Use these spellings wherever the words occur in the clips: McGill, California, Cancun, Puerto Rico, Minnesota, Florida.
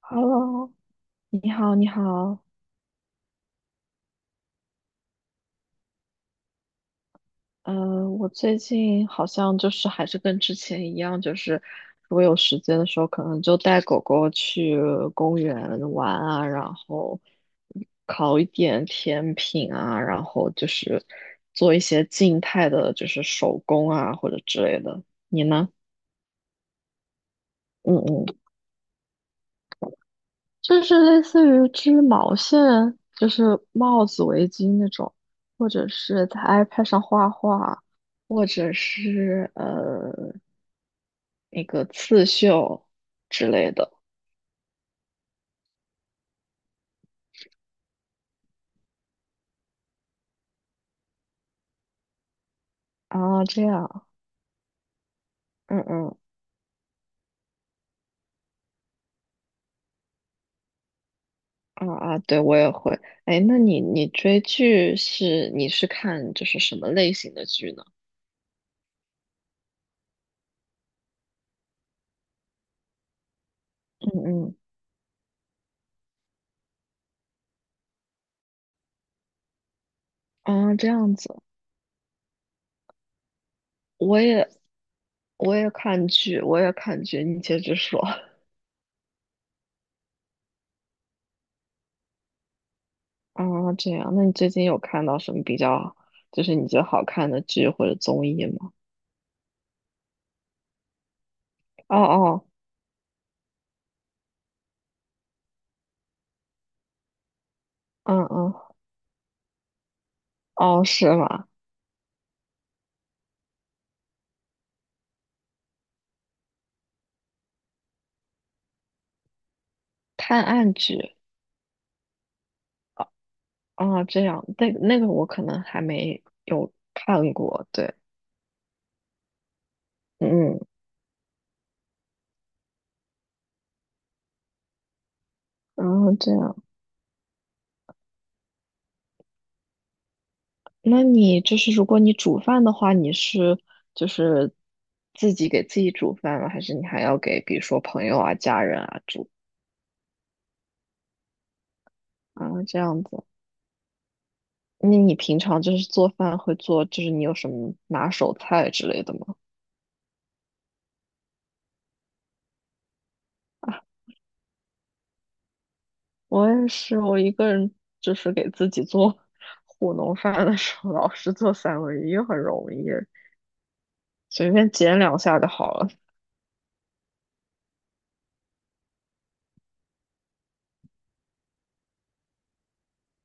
Hello，你好，你好。我最近好像就是还是跟之前一样，就是如果有时间的时候，可能就带狗狗去公园玩啊，然后烤一点甜品啊，然后就是做一些静态的，就是手工啊或者之类的。你呢？嗯嗯。就是类似于织毛线，就是帽子、围巾那种，或者是在 iPad 上画画，或者是那个刺绣之类的。啊，这样。嗯嗯。啊，啊，对我也会。哎，那你追剧是你是看就是什么类型的剧呢？嗯嗯。啊，这样子。我也我也看剧，我也看剧，你接着说。啊，这样，那你最近有看到什么比较，就是你觉得好看的剧或者综艺吗？哦哦。嗯嗯。哦，是吗？探案剧。哦哦，这样，那那个我可能还没有看过，对。嗯，然后这样，那你就是如果你煮饭的话，你是就是自己给自己煮饭吗？还是你还要给比如说朋友啊、家人啊煮。啊这样子？那你平常就是做饭会做，就是你有什么拿手菜之类的吗？啊，我也是，我一个人就是给自己做 糊弄饭的时候，老是做三文鱼很容易，随便煎两下就好了。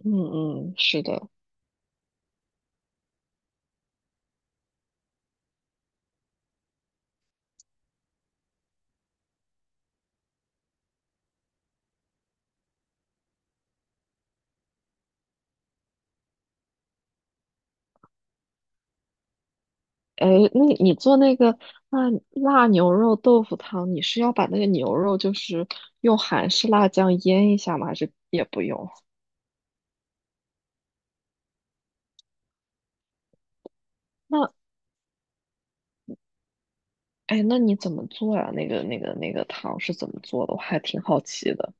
嗯嗯，是的。哎，那你做那个辣辣牛肉豆腐汤，你是要把那个牛肉就是用韩式辣酱腌一下吗？还是也不用？那哎，那你怎么做呀？那个汤是怎么做的？我还挺好奇的。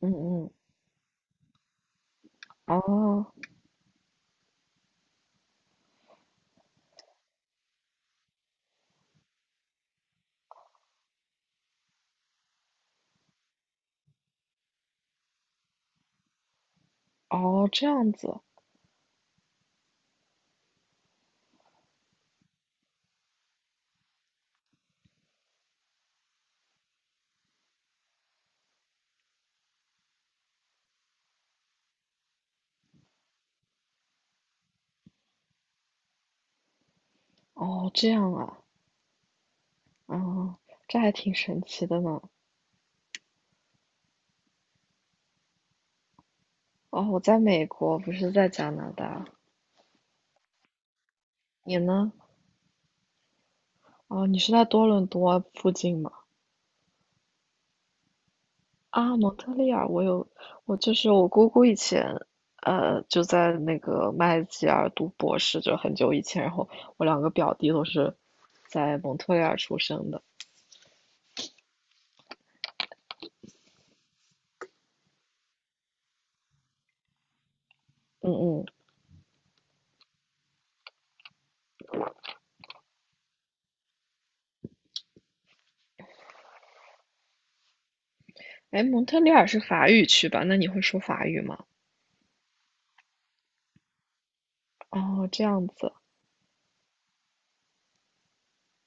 嗯嗯。哦哦，这样子。哦这样啊。嗯，这还挺神奇的呢。哦，我在美国，不是在加拿大。你呢？哦，你是在多伦多附近吗？啊，蒙特利尔，我有，我就是我姑姑以前，就在那个麦吉尔读博士，就很久以前。然后我两个表弟都是在蒙特利尔出生的。嗯嗯。哎，蒙特利尔是法语区吧？那你会说法语吗？哦，这样子。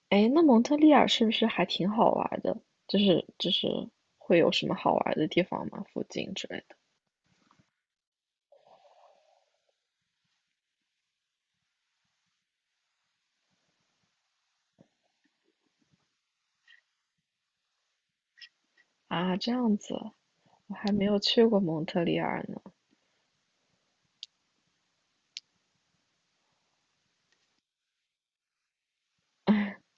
哎，那蒙特利尔是不是还挺好玩的？就是会有什么好玩的地方吗？附近之类的？啊，这样子，我还没有去过蒙特利尔呢。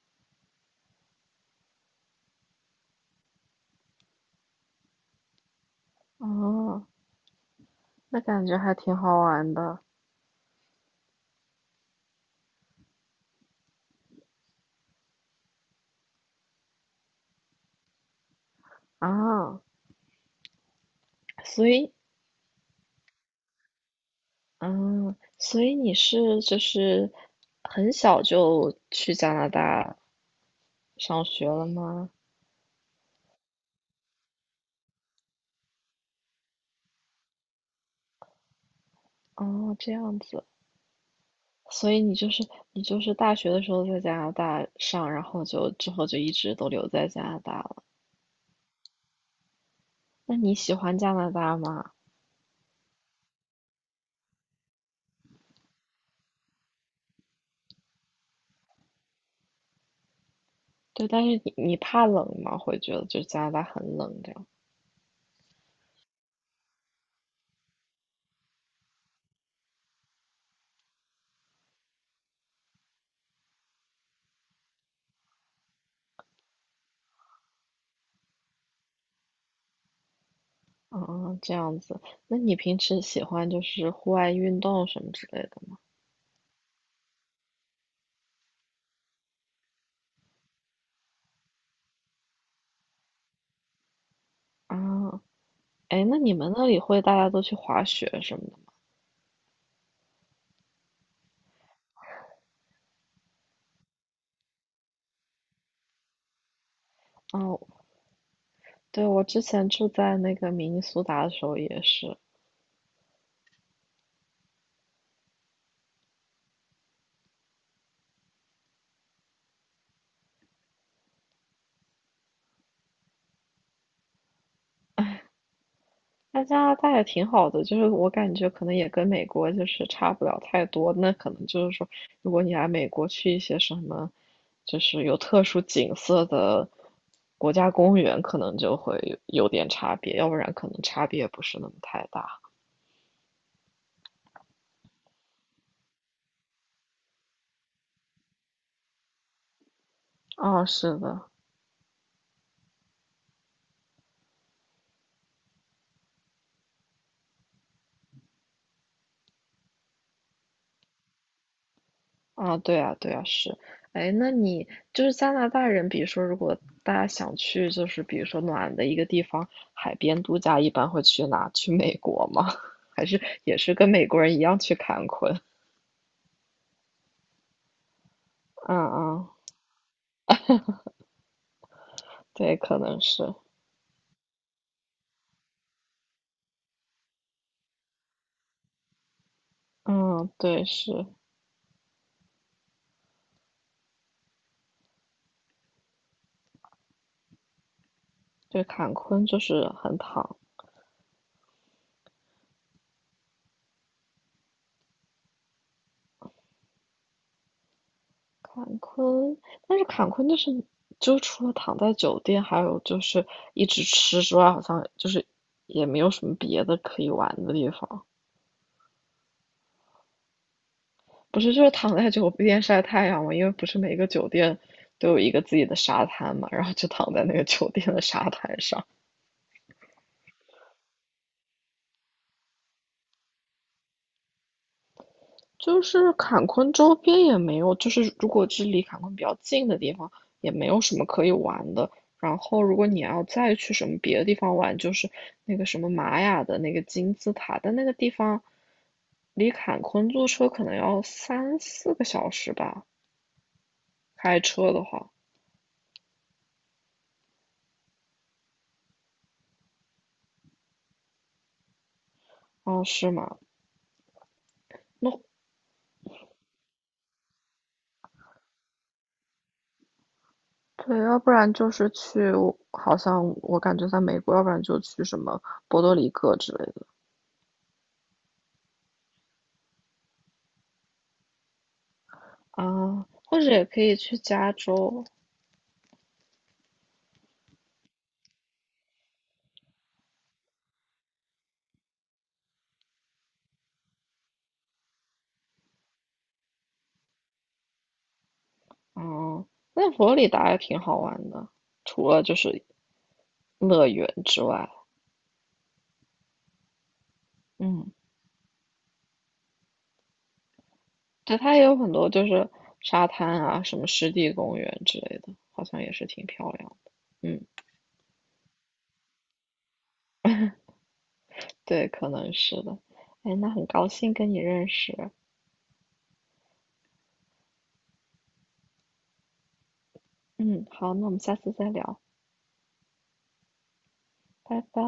哦，那感觉还挺好玩的啊。所以，嗯，所以你是就是很小就去加拿大上学了吗？哦，这样子。所以你就是大学的时候在加拿大上，然后就之后就一直都留在加拿大了。那你喜欢加拿大吗？对，但是你怕冷吗？会觉得就加拿大很冷这样。啊，这样子。那你平时喜欢就是户外运动什么之类的吗？啊，哎，那你们那里会大家都去滑雪什么的吗？哦，对，我之前住在那个明尼苏达的时候也是。那加拿大也挺好的，就是我感觉可能也跟美国就是差不了太多。那可能就是说，如果你来美国去一些什么，就是有特殊景色的国家公园，可能就会有有点差别，要不然可能差别不是那么太大。哦，是的。啊，对啊，对啊，是。哎，那你就是加拿大人，比如说，如果大家想去，就是比如说暖的一个地方，海边度假，一般会去哪？去美国吗？还是也是跟美国人一样去坎昆？嗯嗯，对，可能是。嗯，对，是，对，坎昆就是很躺。坎昆，但是坎昆就是，就除了躺在酒店，还有就是一直吃之外，好像就是也没有什么别的可以玩的地方。不是，就是躺在酒店晒太阳嘛，因为不是每个酒店都有一个自己的沙滩嘛，然后就躺在那个酒店的沙滩上。就是坎昆周边也没有，就是如果是离坎昆比较近的地方，也没有什么可以玩的。然后，如果你要再去什么别的地方玩，就是那个什么玛雅的那个金字塔，但那个地方离坎昆坐车可能要3、4个小时吧，开车的话。哦，是吗？那对，要不然就是去，好像我感觉在美国，要不然就去什么波多黎各之类的。啊，或者也可以去加州。哦，那佛罗里达也挺好玩的，除了就是乐园之外，嗯，对，它也有很多就是沙滩啊，什么湿地公园之类的，好像也是挺漂亮的。嗯，对，可能是的。哎，那很高兴跟你认识。嗯，好，那我们下次再聊，拜拜。